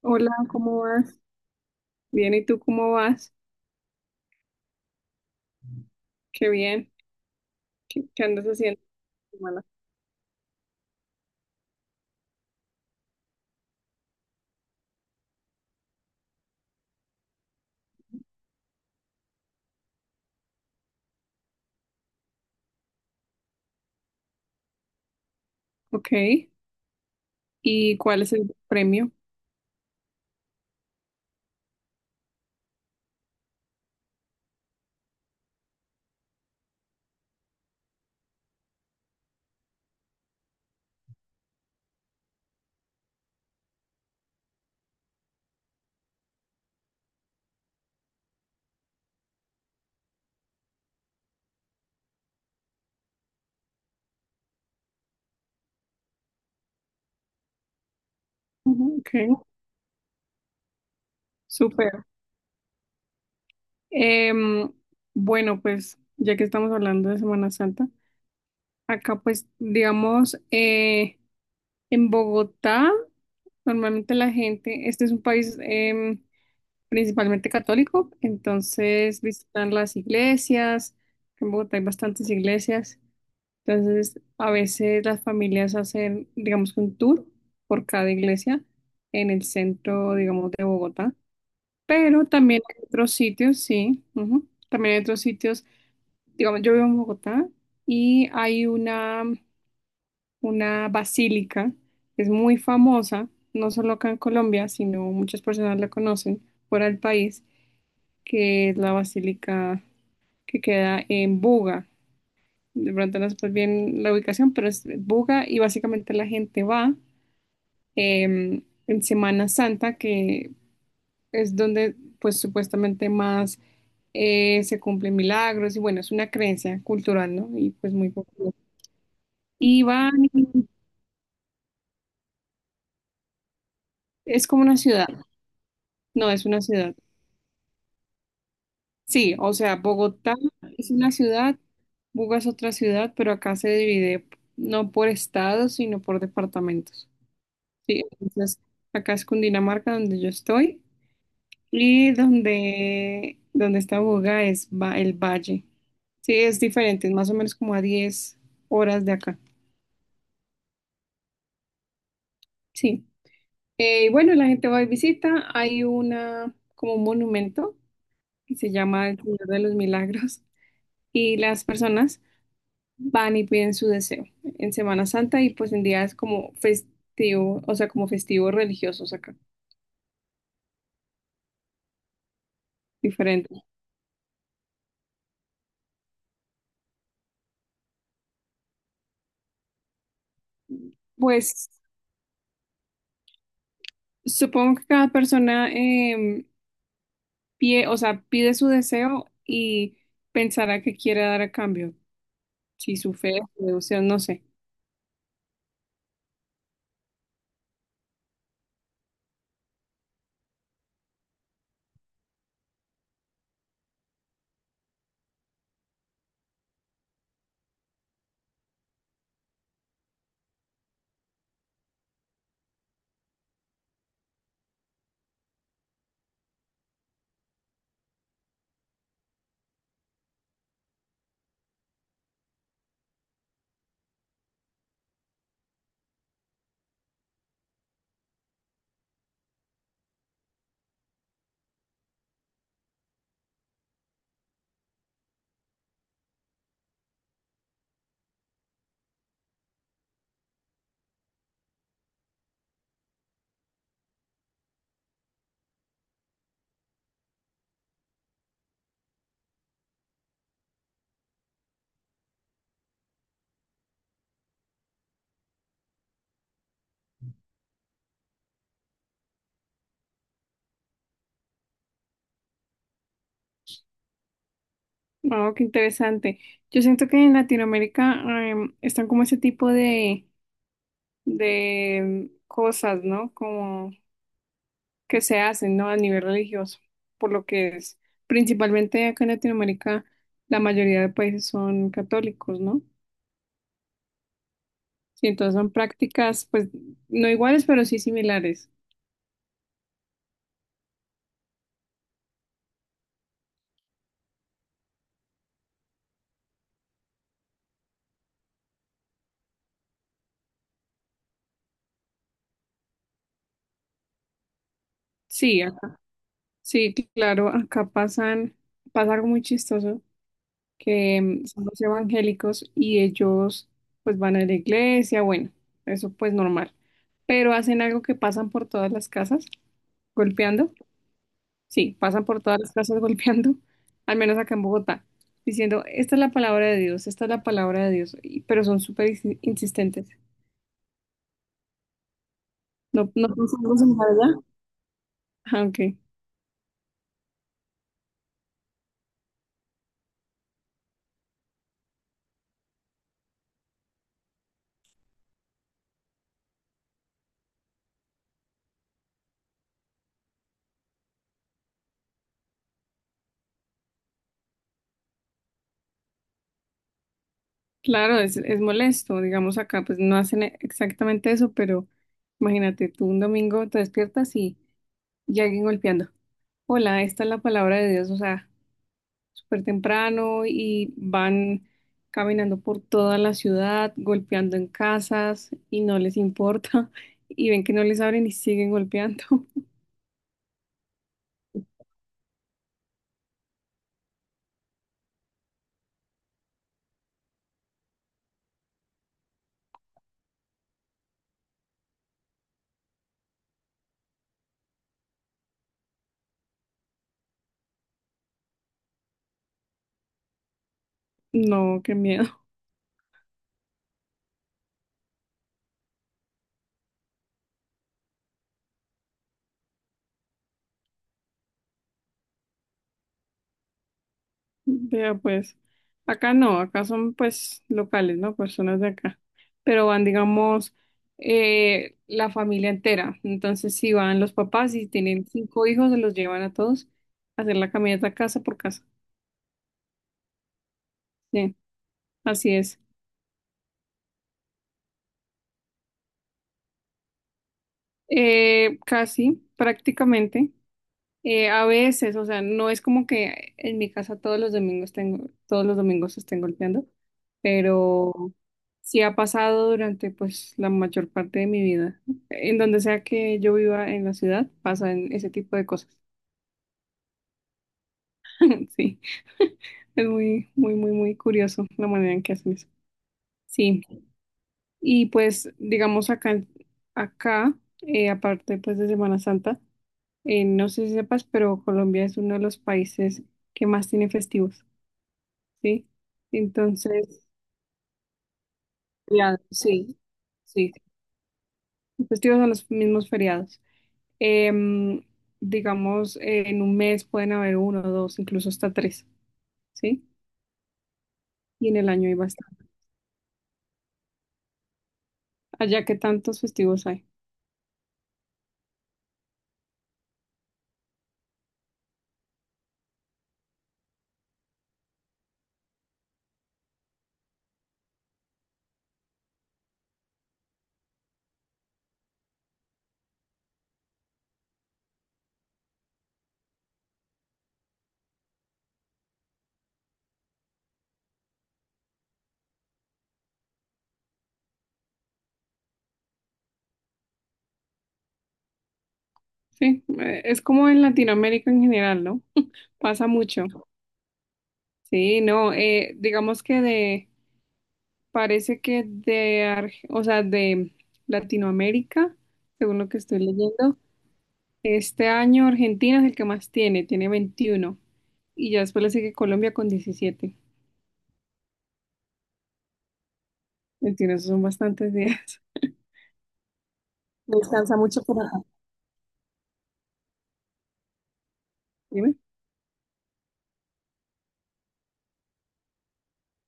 Hola, ¿cómo vas? Bien, ¿y tú cómo vas? Qué bien. ¿Qué andas haciendo esta semana? Ok. ¿Y cuál es el premio? Ujú. Ok, súper. Em, bueno, pues ya que estamos hablando de Semana Santa, acá pues digamos, en Bogotá normalmente la gente, este es un país principalmente católico, entonces visitan las iglesias. En Bogotá hay bastantes iglesias. Entonces, a veces las familias hacen, digamos, un tour por cada iglesia en el centro, digamos, de Bogotá. Pero también hay otros sitios, sí. Ujú. También hay otros sitios, digamos, yo vivo en Bogotá y hay una basílica que es muy famosa, no solo acá en Colombia, sino muchas personas la conocen fuera del país, que es la basílica que queda en Buga. De pronto no es bien la ubicación, pero es Buga y básicamente la gente va en Semana Santa, que es donde pues supuestamente más se cumplen milagros y bueno, es una creencia cultural, ¿no? Y pues muy popular. Y van, y es como una ciudad. No, es una ciudad. Sí, o sea, Bogotá es una ciudad, Buga es otra ciudad, pero acá se divide no por estados, sino por departamentos. Sí, entonces acá es Cundinamarca donde yo estoy. Y donde está Buga es va el valle. Sí, es diferente, es más o menos como a 10 horas de acá. Sí. Y bueno, la gente va y visita. Hay como un monumento que se llama el Señor de los Milagros. Y las personas van y piden su deseo en Semana Santa y pues en días como festivo, o sea, como festivos religiosos acá, diferente. Pues supongo que cada persona, o sea, pide su deseo y pensará que quiere dar a cambio, si su fe, su devoción, no sé. Oh, qué interesante. Yo siento que en Latinoamérica están como ese tipo de cosas, ¿no? Como que se hacen, ¿no? A nivel religioso, por lo que es. Principalmente acá en Latinoamérica, la mayoría de países son católicos, ¿no? Sí, entonces son prácticas, pues, no iguales, pero sí similares. Sí, sí, claro, pasa algo muy chistoso, que son los evangélicos y ellos pues van a la iglesia, bueno, eso pues normal, pero hacen algo que pasan por todas las casas golpeando, sí, pasan por todas las casas golpeando, al menos acá en Bogotá, diciendo, esta es la palabra de Dios, esta es la palabra de Dios, y- pero son súper insistentes. No, no pasa algo similar allá. Ah, ok. Claro, es molesto, digamos acá, pues no hacen exactamente eso, pero imagínate, tú un domingo te despiertas y ya alguien golpeando. Hola, esta es la palabra de Dios, o sea, súper temprano y van caminando por toda la ciudad, golpeando en casas y no les importa y ven que no les abren y siguen golpeando. No, qué miedo. Vea, pues, acá no, acá son pues locales, ¿no? Personas de acá, pero van, digamos, la familia entera. Entonces, si van los papás y tienen cinco hijos, se los llevan a todos a hacer la caminata casa por casa. Sí, así es. Casi, prácticamente. A veces, o sea, no es como que en mi casa todos los domingos tengo, todos los domingos estén golpeando, pero sí ha pasado durante pues la mayor parte de mi vida. En donde sea que yo viva en la ciudad, pasan ese tipo de cosas. Sí, es muy, muy, muy, muy curioso la manera en que hacen eso. Sí, y pues digamos acá, acá, aparte pues de Semana Santa, no sé si sepas, pero Colombia es uno de los países que más tiene festivos. ¿Sí? Entonces, feriados, sí, sí, festivos son los mismos feriados. Em, digamos, en un mes pueden haber uno, dos, incluso hasta tres, ¿sí? Y en el año hay bastante. Allá que tantos festivos hay, ¿sí? Es como en Latinoamérica en general, ¿no? Pasa mucho. Sí, no, digamos parece o sea, de Latinoamérica, según lo que estoy leyendo, este año Argentina es el que más tiene, tiene 21. Y ya después le sigue Colombia con 17. Veintiuno, esos son bastantes días. No alcanza mucho por acá. Dime.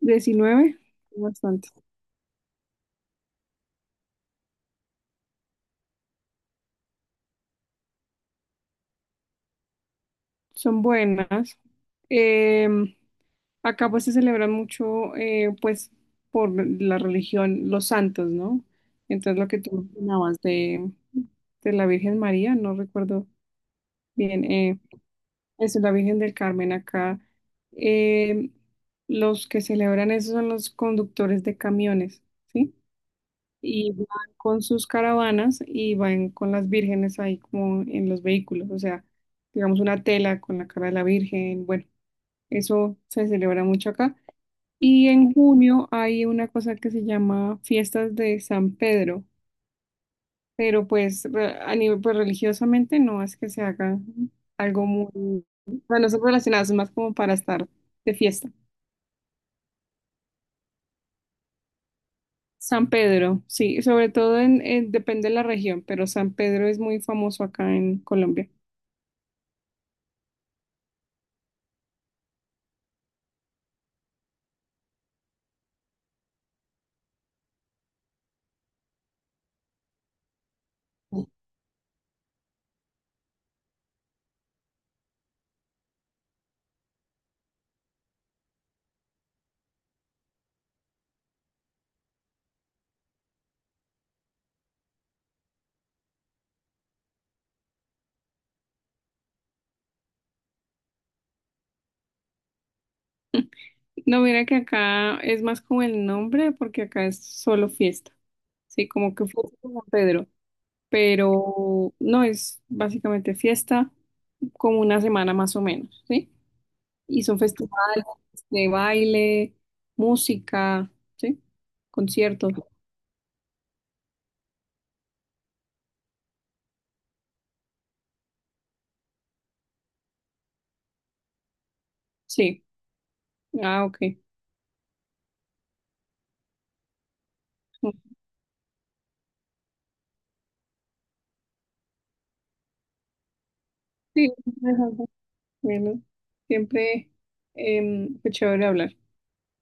19, bastante. Son buenas. Em, Acá pues se celebran mucho, pues, por la religión, los santos, ¿no? Entonces lo que tú mencionabas de la Virgen María, no recuerdo bien, eso es la Virgen del Carmen acá. eh, los que celebran eso son los conductores de camiones, ¿sí? Y van con sus caravanas y van con las vírgenes ahí como en los vehículos, o sea, digamos una tela con la cara de la Virgen, bueno, eso se celebra mucho acá. Y en junio hay una cosa que se llama Fiestas de San Pedro, pero pues a nivel pues, religiosamente no es que se haga algo muy, bueno, son relacionadas más como para estar de fiesta. San Pedro, sí, sobre todo depende de la región, pero San Pedro es muy famoso acá en Colombia. No, mira que acá es más como el nombre, porque acá es solo fiesta. Sí, como que fiesta de San Pedro, pero no es básicamente fiesta como una semana más o menos, ¿sí? Hizo festivales de baile, música, ¿sí? Conciertos. Sí. Ah, ok. Sí, interesante. Bueno, siempre fue chévere hablar.